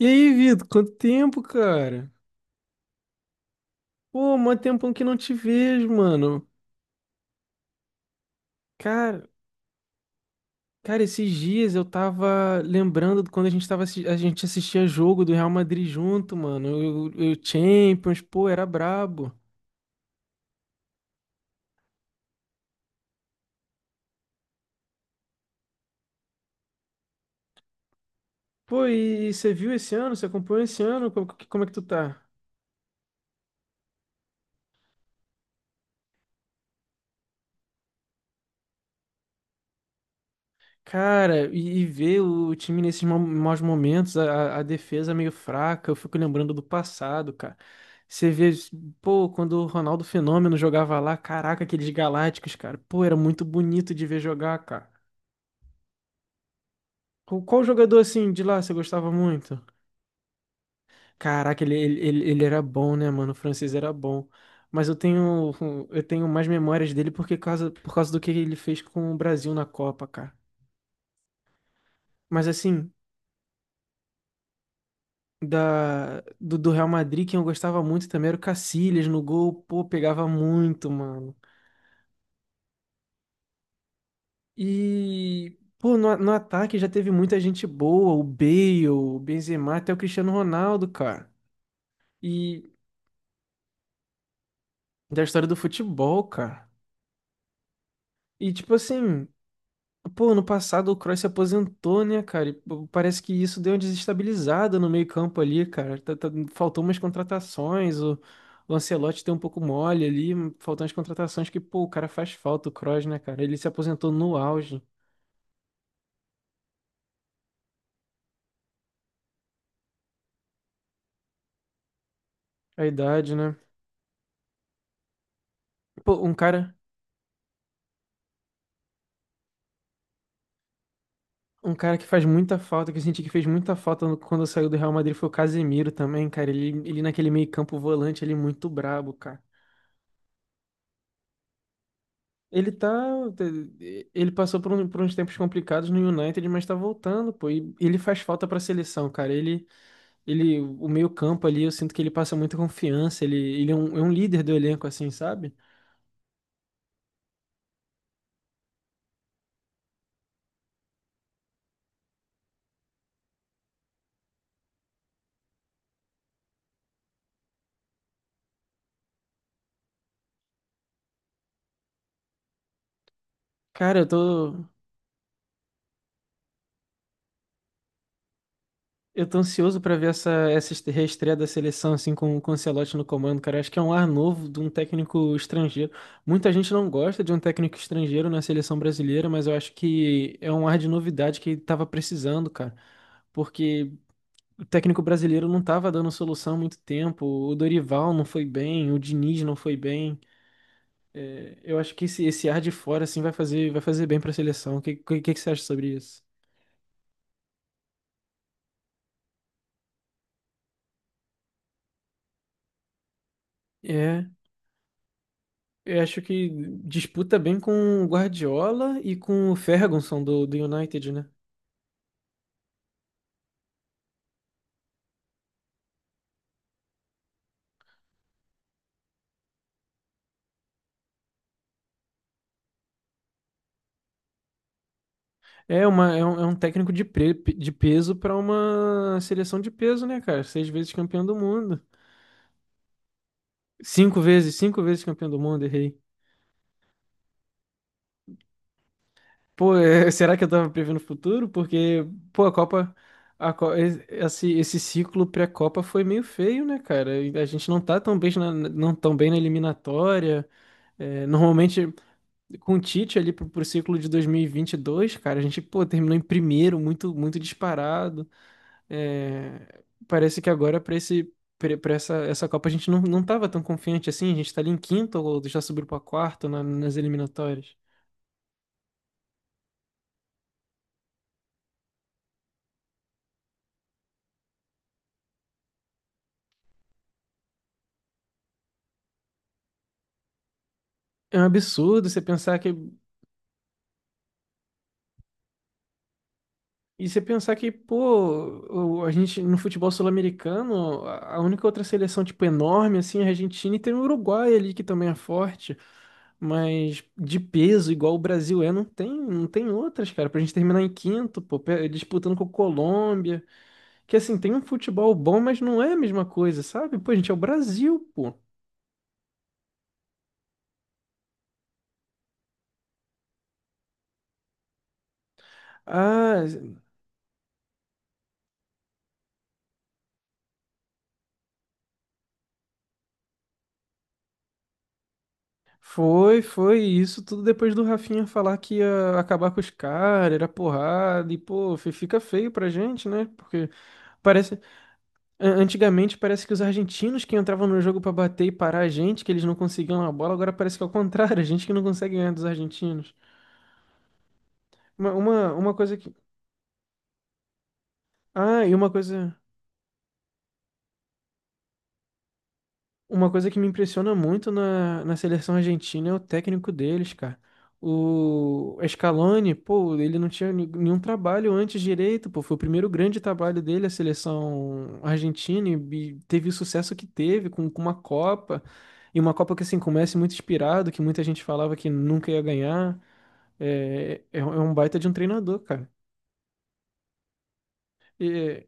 E aí, Vitor, quanto tempo, cara? Pô, mó tempão que não te vejo, mano. Cara, cara, esses dias eu tava lembrando de quando a gente tava, a gente assistia jogo do Real Madrid junto, mano. O Champions, pô, era brabo. Pô, e você viu esse ano? Você acompanhou esse ano? Como, como é que tu tá? Cara, e ver o time nesses maus momentos, a defesa meio fraca, eu fico lembrando do passado, cara. Você vê, pô, quando o Ronaldo Fenômeno jogava lá, caraca, aqueles Galácticos, cara. Pô, era muito bonito de ver jogar, cara. Qual, qual jogador assim de lá você gostava muito? Caraca, ele era bom, né, mano? O francês era bom. Mas eu tenho, eu tenho mais memórias dele porque causa, por causa do que ele fez com o Brasil na Copa, cara. Mas assim, do Real Madrid, quem eu gostava muito também era o Casillas no gol, pô, pegava muito, mano. E, pô, no ataque já teve muita gente boa, o Bale, o Benzema, até o Cristiano Ronaldo, cara. E da história do futebol, cara. E, tipo assim. Pô, ano passado o Kroos se aposentou, né, cara? E, pô, parece que isso deu uma desestabilizada no meio-campo ali, cara. Faltou umas contratações, o Ancelotti deu um pouco mole ali, faltou umas contratações que, pô, o cara faz falta, o Kroos, né, cara? Ele se aposentou no auge, a idade, né? Pô, um cara que faz muita falta, que eu senti que fez muita falta quando saiu do Real Madrid foi o Casemiro também, cara. Ele naquele meio-campo volante, ele é muito brabo, cara. Ele tá. Ele passou por, por uns tempos complicados no United, mas tá voltando, pô. E ele faz falta pra seleção, cara. Ele, o meio-campo ali, eu sinto que ele passa muita confiança. Ele é um líder do elenco, assim, sabe? Cara, eu tô. Eu tô ansioso pra ver essa, essa reestreia da seleção, assim, com o Ancelotti no comando, cara. Acho que é um ar novo de um técnico estrangeiro. Muita gente não gosta de um técnico estrangeiro na seleção brasileira, mas eu acho que é um ar de novidade que ele tava precisando, cara. Porque o técnico brasileiro não estava dando solução há muito tempo. O Dorival não foi bem, o Diniz não foi bem. É, eu acho que esse ar de fora assim vai fazer bem para a seleção. O que você acha sobre isso? É, eu acho que disputa bem com o Guardiola e com o Ferguson do United, né? É, uma, é um técnico de, pre, de peso para uma seleção de peso, né, cara? Seis vezes campeão do mundo. Cinco vezes campeão do mundo, errei. Pô, é, será que eu tava prevendo o futuro? Porque, pô, a Copa, a, esse, esse ciclo pré-Copa foi meio feio, né, cara? E a gente não tá tão bem na, não tão bem na eliminatória. É, normalmente, com o Tite ali pro, pro ciclo de 2022, cara, a gente, pô, terminou em primeiro, muito, muito disparado. É, parece que agora pra esse. Para essa, essa Copa a gente não, não tava tão confiante assim, a gente tá ali em quinto ou já subiu pra quarto nas eliminatórias. É um absurdo você pensar que. E você pensar que, pô, a gente no futebol sul-americano, a única outra seleção, tipo, enorme, assim, é a Argentina e tem o Uruguai ali que também é forte. Mas de peso, igual o Brasil é, não tem, não tem outras, cara. Pra gente terminar em quinto, pô, disputando com a Colômbia. Que assim, tem um futebol bom, mas não é a mesma coisa, sabe? Pô, a gente é o Brasil, pô. Ah, foi, foi. E isso tudo depois do Rafinha falar que ia acabar com os caras, era porrada, e pô, fica feio pra gente, né? Porque parece. Antigamente parece que os argentinos que entravam no jogo pra bater e parar a gente, que eles não conseguiam a bola, agora parece que é o contrário, a gente que não consegue ganhar dos argentinos. Uma coisa que. Ah, e uma coisa. Uma coisa que me impressiona muito na seleção argentina é o técnico deles, cara. O Scaloni, pô, ele não tinha nenhum trabalho antes direito, pô. Foi o primeiro grande trabalho dele, a seleção argentina, e teve o sucesso que teve com uma Copa. E uma Copa que, assim, começa muito inspirado, que muita gente falava que nunca ia ganhar. É, é um baita de um treinador, cara. E-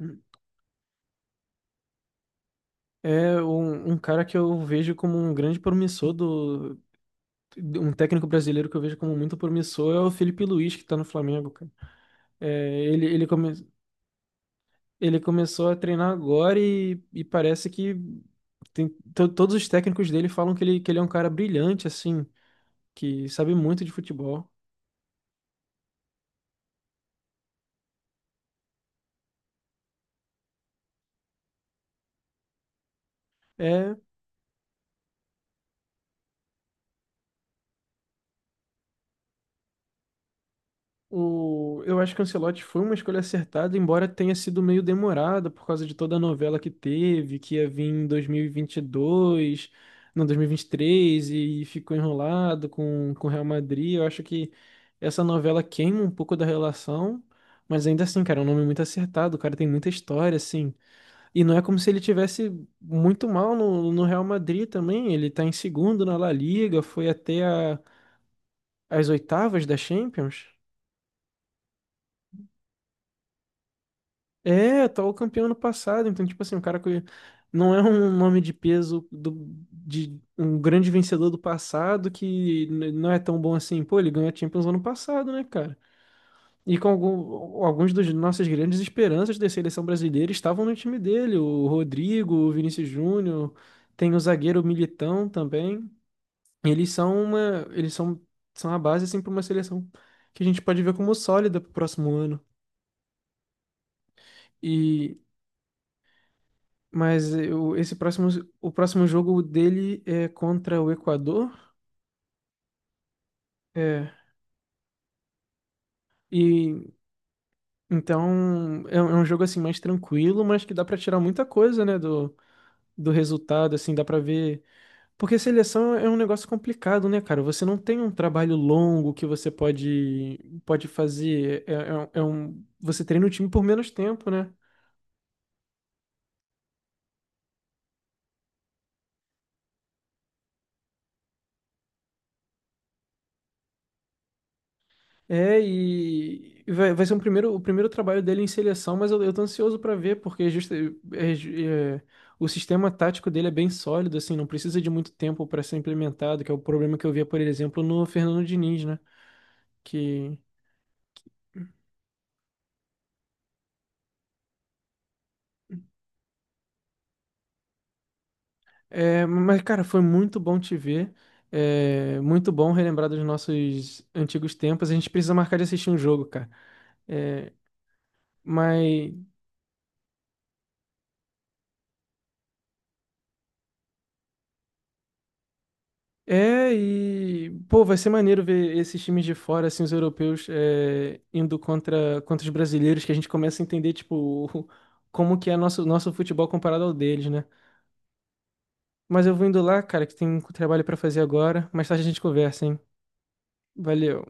é é um, um cara que eu vejo como um grande promissor. Um técnico brasileiro que eu vejo como muito promissor é o Felipe Luiz, que tá no Flamengo, cara. É, ele, ele começou a treinar agora e parece que tem, todos os técnicos dele falam que ele é um cara brilhante, assim, que sabe muito de futebol. É, o, eu acho que o Ancelotti foi uma escolha acertada, embora tenha sido meio demorada por causa de toda a novela que teve, que ia vir em 2022, não, 2023, e vinte e três, e ficou enrolado com o Real Madrid. Eu acho que essa novela queima um pouco da relação, mas ainda assim, cara, é um nome muito acertado, o cara tem muita história, assim. E não é como se ele tivesse muito mal no Real Madrid também, ele tá em segundo na La Liga, foi até as oitavas da Champions. É, atual campeão ano passado. Então, tipo assim, o cara que não é um nome de peso do, de um grande vencedor do passado que não é tão bom assim. Pô, ele ganhou a Champions ano passado, né, cara? E com algum, alguns dos nossas grandes esperanças da seleção brasileira estavam no time dele. O Rodrigo, o Vinícius Júnior, tem o zagueiro Militão também. Eles são uma, eles são, são a base assim para uma seleção que a gente pode ver como sólida pro próximo ano. E mas eu, esse próximo, o próximo jogo dele é contra o Equador. É. E então é um jogo assim mais tranquilo, mas que dá pra tirar muita coisa, né, do, do resultado, assim, dá pra ver. Porque seleção é um negócio complicado, né, cara? Você não tem um trabalho longo que você pode pode fazer. É, é, um, você treina o time por menos tempo, né? É, e vai, vai ser um primeiro, o primeiro trabalho dele em seleção, mas eu tô ansioso pra ver, porque é, o sistema tático dele é bem sólido, assim, não precisa de muito tempo pra ser implementado, que é o problema que eu via, por exemplo, no Fernando Diniz, né? Que, é, mas, cara, foi muito bom te ver, é, muito bom relembrar dos nossos antigos tempos, a gente precisa marcar de assistir um jogo, cara. É, mas é, e, pô, vai ser maneiro ver esses times de fora, assim, os europeus é, indo contra, contra os brasileiros, que a gente começa a entender, tipo, o- como que é nosso, nosso futebol comparado ao deles, né? Mas eu vou indo lá, cara, que tem um trabalho pra fazer agora. Mais tarde a gente conversa, hein? Valeu.